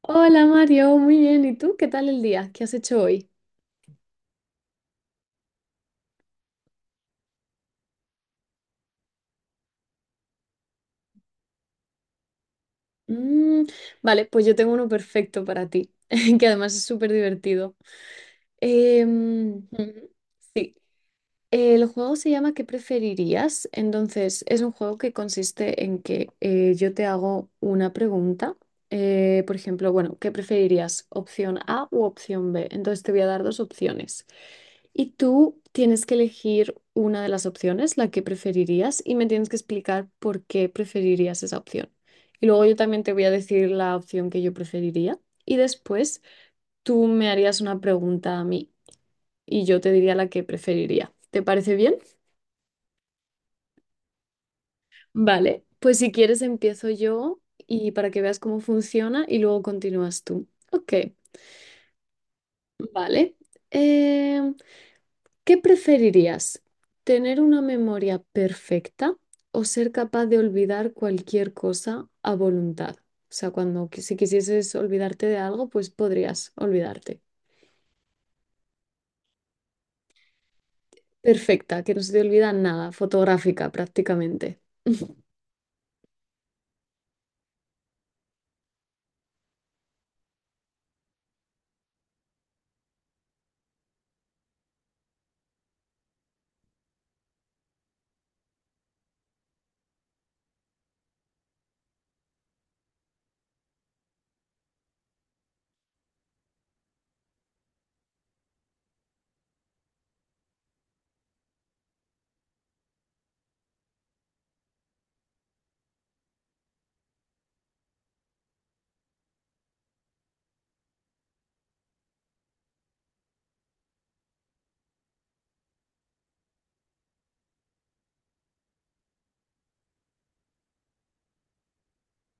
Hola Mario, muy bien. ¿Y tú? ¿Qué tal el día? ¿Qué has hecho hoy? Mm, vale, pues yo tengo uno perfecto para ti, que además es súper divertido. Ujú, sí. El juego se llama ¿Qué preferirías? Entonces, es un juego que consiste en que yo te hago una pregunta. Por ejemplo, bueno, ¿qué preferirías? ¿Opción A u opción B? Entonces te voy a dar dos opciones. Y tú tienes que elegir una de las opciones, la que preferirías, y me tienes que explicar por qué preferirías esa opción. Y luego yo también te voy a decir la opción que yo preferiría. Y después tú me harías una pregunta a mí y yo te diría la que preferiría. ¿Te parece bien? Vale, pues si quieres empiezo yo y para que veas cómo funciona y luego continúas tú. Ok, vale. Em, ¿Qué preferirías? ¿Tener una memoria perfecta o ser capaz de olvidar cualquier cosa a voluntad? O sea, cuando si quisieses olvidarte de algo, pues podrías olvidarte. Perfecta, que no se te olvida nada, fotográfica prácticamente.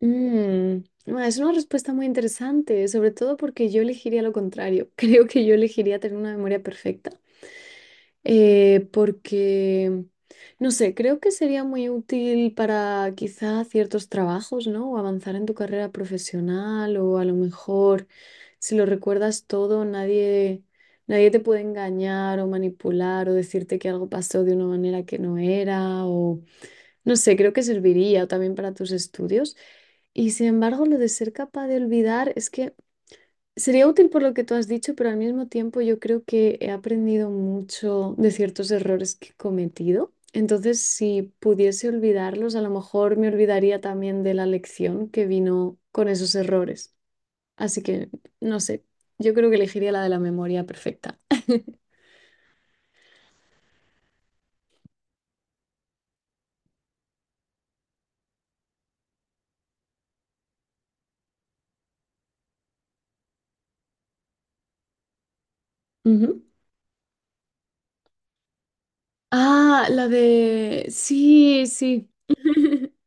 Mm, ah, es una respuesta muy interesante, sobre todo porque yo elegiría lo contrario. Creo que yo elegiría tener una memoria perfecta, porque, no sé, creo que sería muy útil para quizá ciertos trabajos, ¿no? O avanzar en tu carrera profesional, o a lo mejor, si lo recuerdas todo, nadie te puede engañar o manipular o decirte que algo pasó de una manera que no era. No sé, creo que serviría también para tus estudios. Y sin embargo, lo de ser capaz de olvidar es que sería útil por lo que tú has dicho, pero al mismo tiempo yo creo que he aprendido mucho de ciertos errores que he cometido. Entonces, si pudiese olvidarlos, a lo mejor me olvidaría también de la lección que vino con esos errores. Así que, no sé, yo creo que elegiría la de la memoria perfecta. Ujú. Ah, la de, sí, sí.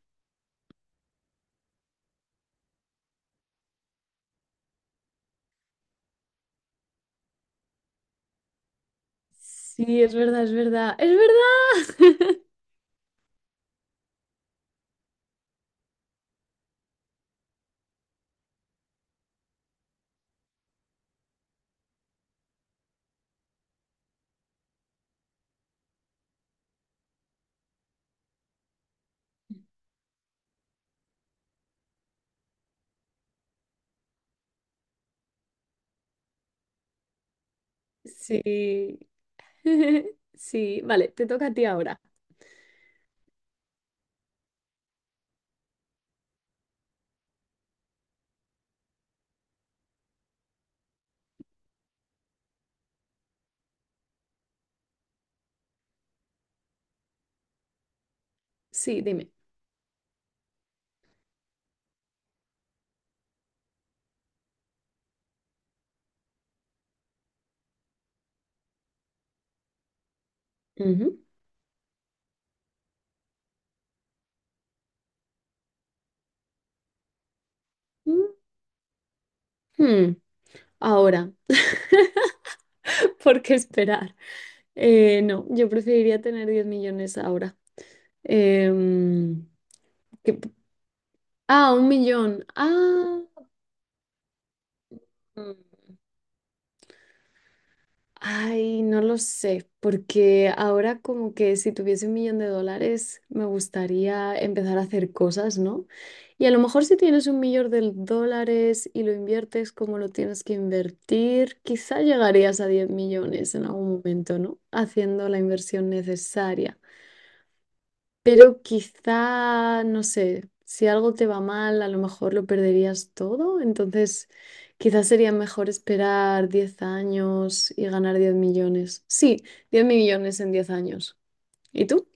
Sí, es verdad, es verdad, es verdad. Sí, sí, vale, te toca a ti ahora. Sí, dime. Ujú. Ujú. Ahora, ¿por qué esperar? No, yo preferiría tener 10 millones ahora. Em, que- ah, 1 millón. Ah. Ay, no lo sé, porque ahora como que si tuviese 1 millón de dólares me gustaría empezar a hacer cosas, ¿no? Y a lo mejor si tienes 1 millón de dólares y lo inviertes como lo tienes que invertir, quizá llegarías a 10 millones en algún momento, ¿no? Haciendo la inversión necesaria. Pero quizá, no sé, si algo te va mal, a lo mejor lo perderías todo. Entonces, quizás sería mejor esperar 10 años y ganar 10 millones. Sí, 10 millones en 10 años. ¿Y tú?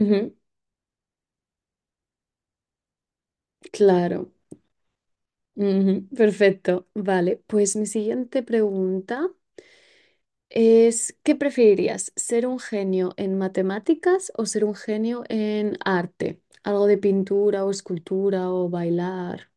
Ujú. Claro. Ujú. Perfecto. Vale, pues mi siguiente pregunta es, ¿qué preferirías? ¿Ser un genio en matemáticas o ser un genio en arte? Algo de pintura o escultura o bailar.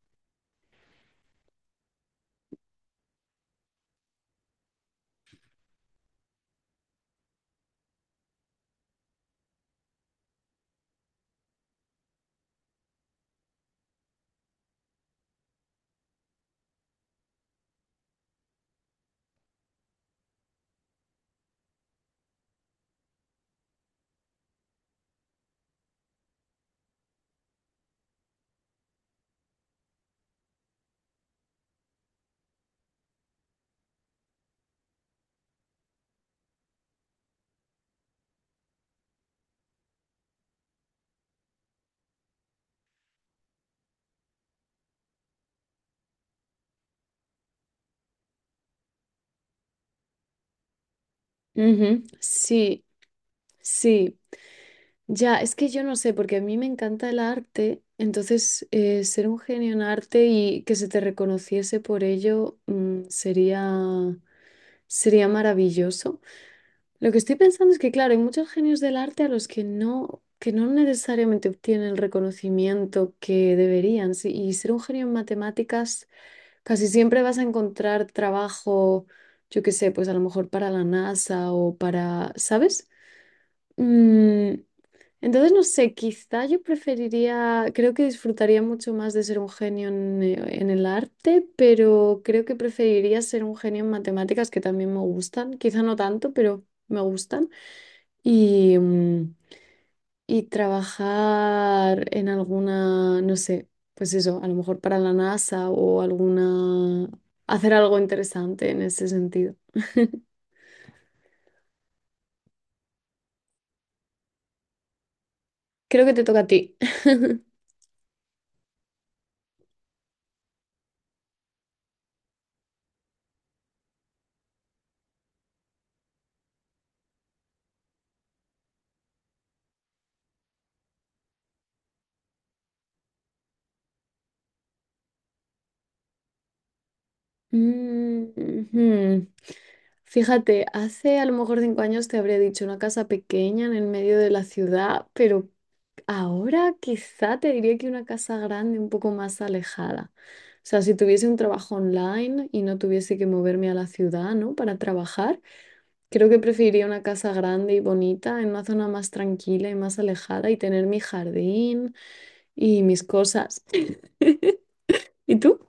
Ujú. Sí. Sí, ya, es que yo no sé, porque a mí me encanta el arte, entonces ser un genio en arte y que se te reconociese por ello, sería maravilloso. Lo que estoy pensando es que, claro, hay muchos genios del arte a los que no necesariamente obtienen el reconocimiento que deberían. Sí. Y ser un genio en matemáticas, casi siempre vas a encontrar trabajo, yo qué sé, pues a lo mejor para la NASA o para, ¿sabes? Mm, entonces, no sé, quizá yo preferiría, creo que disfrutaría mucho más de ser un genio en el arte, pero creo que preferiría ser un genio en matemáticas, que también me gustan, quizá no tanto, pero me gustan, y, mm, y trabajar en alguna, no sé, pues eso, a lo mejor para la NASA o alguna, hacer algo interesante en ese sentido. Creo que te toca a ti. Mm. Ujú. Fíjate, hace a lo mejor 5 años te habría dicho una casa pequeña en el medio de la ciudad, pero ahora quizá te diría que una casa grande un poco más alejada. O sea, si tuviese un trabajo online y no tuviese que moverme a la ciudad, ¿no? Para trabajar, creo que preferiría una casa grande y bonita en una zona más tranquila y más alejada y tener mi jardín y mis cosas. ¿Y tú?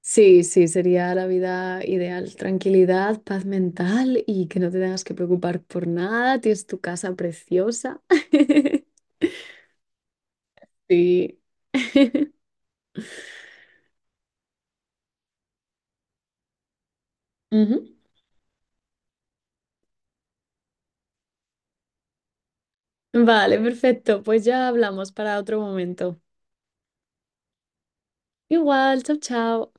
Sí, sí, sería la vida ideal. Tranquilidad, paz mental y que no te tengas que preocupar por nada. Tienes tu casa preciosa. Sí. Ujú. Vale, perfecto. Pues ya hablamos para otro momento. Igual, chao, chao.